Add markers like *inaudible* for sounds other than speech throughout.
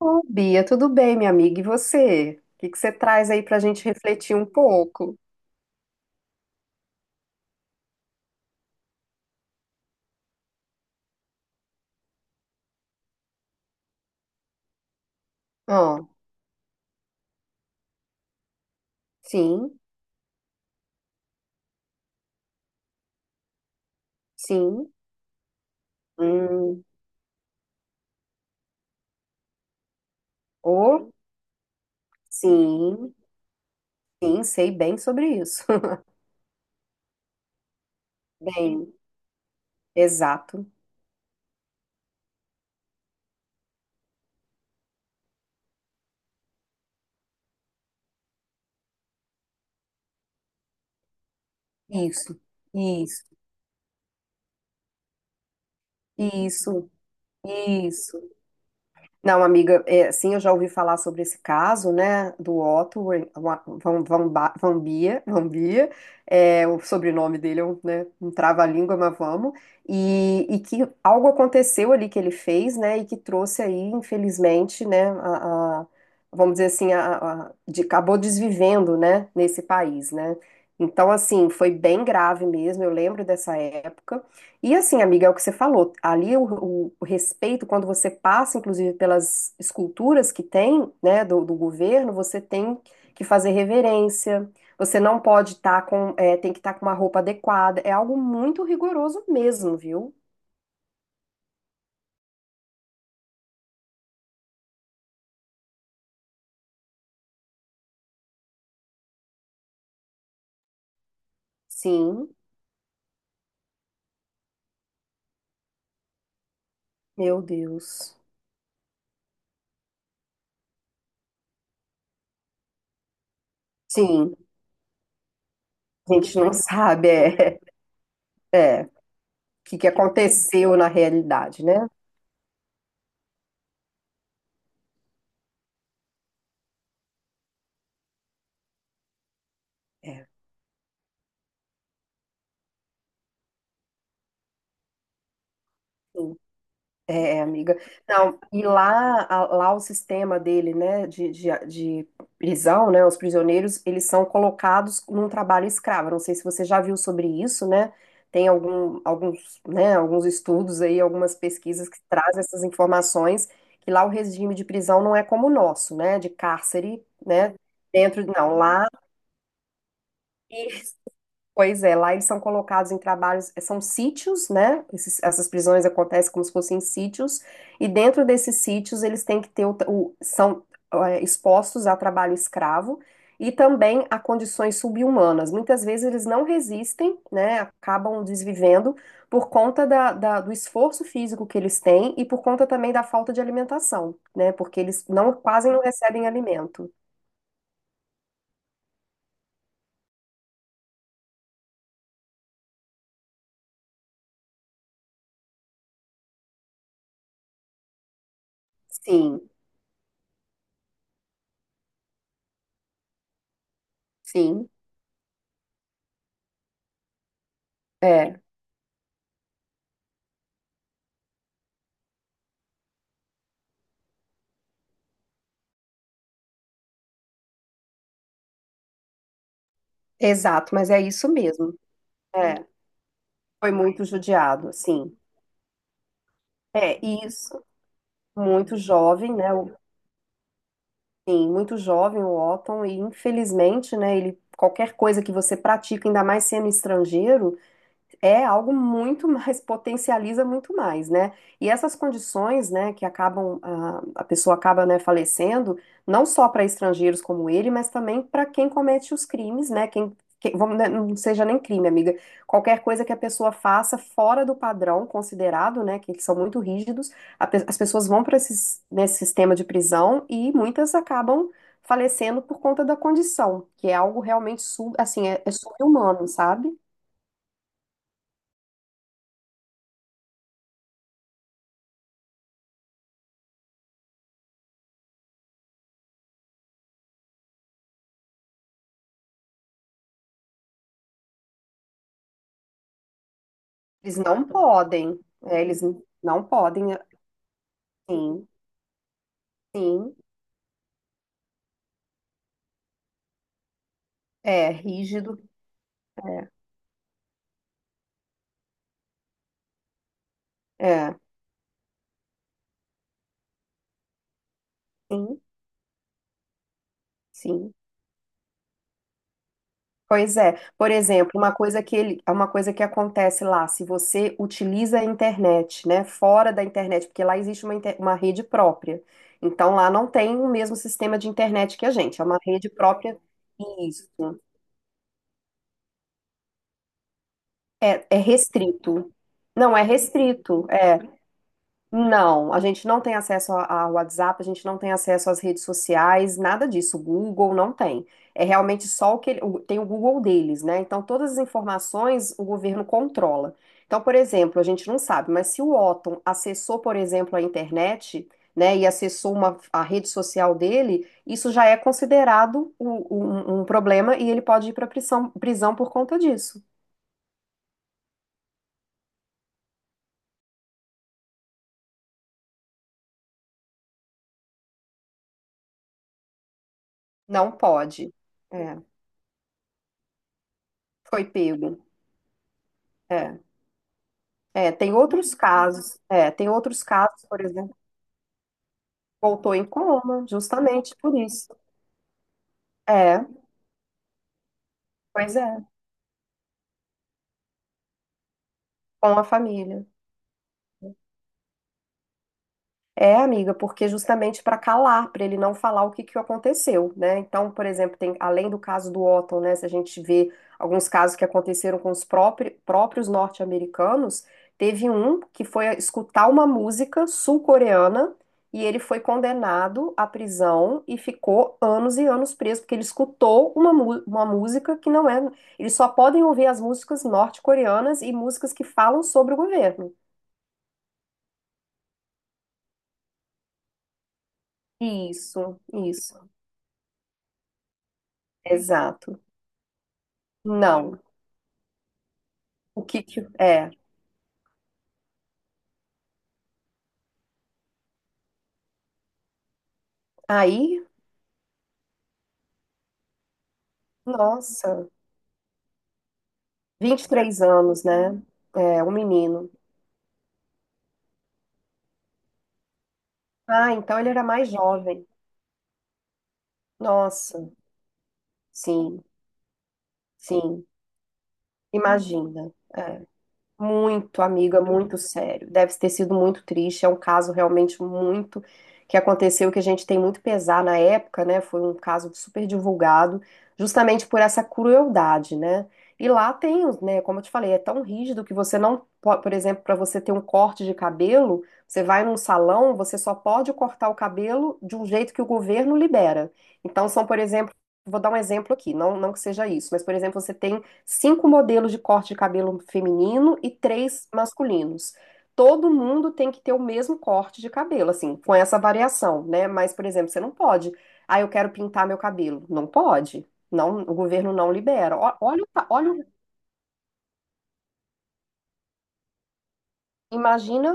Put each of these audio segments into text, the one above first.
Ô, Bia, tudo bem, minha amiga? E você? O que que você traz aí pra gente refletir um pouco? Ó, sim, sim, hum, ô, sim, sim, sei bem sobre isso. *laughs* Bem, exato. Isso, isso, isso, isso. Não, amiga, é, sim, eu já ouvi falar sobre esse caso, né, do Otto Van Bia, *laughs* Van Bia, é, o sobrenome dele é um, né, um trava-língua, mas vamos, e que algo aconteceu ali que ele fez, né, e que trouxe aí, infelizmente, né, vamos dizer assim, acabou desvivendo, né, nesse país, né, então, assim, foi bem grave mesmo, eu lembro dessa época, e assim, amiga, é o que você falou. Ali o respeito, quando você passa, inclusive, pelas esculturas que tem, né, do, do governo, você tem que fazer reverência. Você não pode estar com, tem que estar com uma roupa adequada. É algo muito rigoroso mesmo, viu? Sim, meu Deus. Sim, a gente não sabe, o que que aconteceu na realidade, né? É. É, amiga. Não, e lá, o sistema dele, né, de prisão, né, os prisioneiros, eles são colocados num trabalho escravo. Não sei se você já viu sobre isso, né? Tem algum, alguns, né, alguns estudos aí, algumas pesquisas que trazem essas informações, que lá o regime de prisão não é como o nosso, né, de cárcere, né, dentro, não, lá pois é, lá eles são colocados em trabalhos, são sítios, né? Essas prisões acontecem como se fossem sítios, e dentro desses sítios eles têm que ter são é, expostos a trabalho escravo e também a condições subhumanas. Muitas vezes eles não resistem, né? Acabam desvivendo por conta do esforço físico que eles têm e por conta também da falta de alimentação, né? Porque eles não quase não recebem alimento. Sim, sim, é, exato, mas é isso mesmo. Foi muito judiado, sim. É, isso, muito jovem, né? Sim, muito jovem o Otton, e infelizmente, né, ele, qualquer coisa que você pratica, ainda mais sendo estrangeiro, é algo muito mais, *laughs* potencializa muito mais, né? E essas condições, né, que acabam, a pessoa acaba, né, falecendo, não só para estrangeiros como ele, mas também para quem comete os crimes, né? Vamos, né, não seja nem crime, amiga. Qualquer coisa que a pessoa faça fora do padrão considerado, né, que eles são muito rígidos, as pessoas vão para esse sistema de prisão e muitas acabam falecendo por conta da condição, que é algo realmente, assim, sobre-humano, sabe? Eles não podem, eles não podem, sim, sim, é rígido, é, é, sim, sim. Pois é, por exemplo, uma coisa que ele, uma coisa que acontece lá, se você utiliza a internet, né, fora da internet, porque lá existe uma rede própria. Então lá não tem o mesmo sistema de internet que a gente, é uma rede própria. Isso. É, é restrito. Não é restrito. Não, a gente não tem acesso a WhatsApp, a gente não tem acesso às redes sociais, nada disso. O Google não tem. É realmente só o que ele- o- tem o Google deles, né? Então todas as informações o governo controla. Então, por exemplo, a gente não sabe, mas se o Otton acessou, por exemplo, a internet, né, e acessou uma, a rede social dele, isso já é considerado um problema e ele pode ir para prisão, por conta disso. Não pode. É, foi pego. É. É, tem outros casos, por exemplo, voltou em coma, justamente por isso. É, pois é, com a família. É, amiga, porque justamente para calar, para ele não falar o que que aconteceu, né? Então, por exemplo, tem além do caso do Otton, né? Se a gente vê alguns casos que aconteceram com os próprios norte-americanos, teve um que foi escutar uma música sul-coreana e ele foi condenado à prisão e ficou anos e anos preso, porque ele escutou uma música que não é. Eles só podem ouvir as músicas norte-coreanas e músicas que falam sobre o governo. Isso, exato. Não. O que que? É. Aí, nossa, 23 anos, né? É, um menino. Ah, então ele era mais jovem. Nossa, sim, sim. Imagina. É. Muito, amiga, muito sério. Deve ter sido muito triste. É um caso realmente muito que aconteceu, que a gente tem muito pesar na época, né? Foi um caso super divulgado, justamente por essa crueldade, né? E lá tem, os, né? Como eu te falei, é tão rígido que você não pode, por exemplo, para você ter um corte de cabelo, você vai num salão, você só pode cortar o cabelo de um jeito que o governo libera. Então, são, por exemplo, vou dar um exemplo aqui, não, não que seja isso, mas, por exemplo, você tem cinco modelos de corte de cabelo feminino e três masculinos. Todo mundo tem que ter o mesmo corte de cabelo, assim, com essa variação, né? Mas, por exemplo, você não pode. Ah, eu quero pintar meu cabelo. Não pode. Não, o governo não libera. Olha, olha, imagina,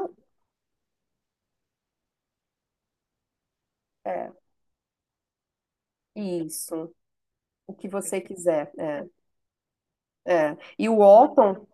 é, isso, o que você quiser. É, é. E o Walton.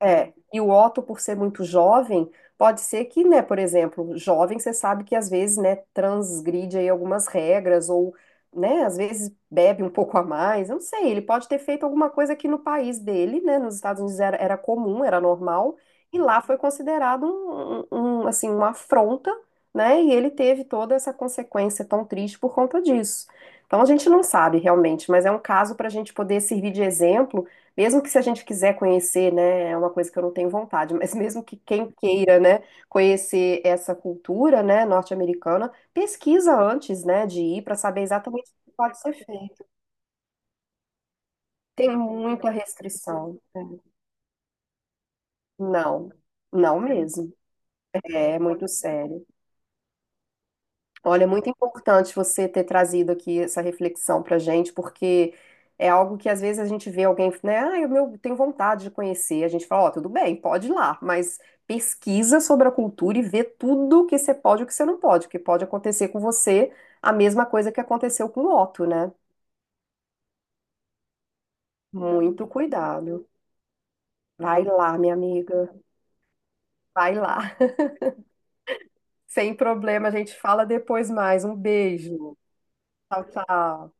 É, e o Otto, por ser muito jovem, pode ser que, né, por exemplo, jovem, você sabe que às vezes, né, transgride aí algumas regras ou, né, às vezes bebe um pouco a mais, eu não sei, ele pode ter feito alguma coisa que no país dele, né, nos Estados Unidos era, comum, era normal, e lá foi considerado assim, uma afronta, né, e ele teve toda essa consequência tão triste por conta disso. Então a gente não sabe realmente, mas é um caso para a gente poder servir de exemplo mesmo que se a gente quiser conhecer, né, é uma coisa que eu não tenho vontade, mas mesmo que quem queira, né, conhecer essa cultura, né, norte-americana, pesquisa antes, né, de ir para saber exatamente o que pode ser feito. Tem muita restrição. Não, não mesmo. É muito sério. Olha, é muito importante você ter trazido aqui essa reflexão pra gente, porque é algo que às vezes a gente vê alguém, né? Ah, eu meu, tenho vontade de conhecer. A gente fala, ó, tudo bem, pode ir lá, mas pesquisa sobre a cultura e vê tudo que você pode e o que você não pode, porque pode acontecer com você a mesma coisa que aconteceu com o Otto, né? Muito cuidado. Vai lá, minha amiga, vai lá. *laughs* Sem problema, a gente fala depois mais. Um beijo. Tchau, tchau.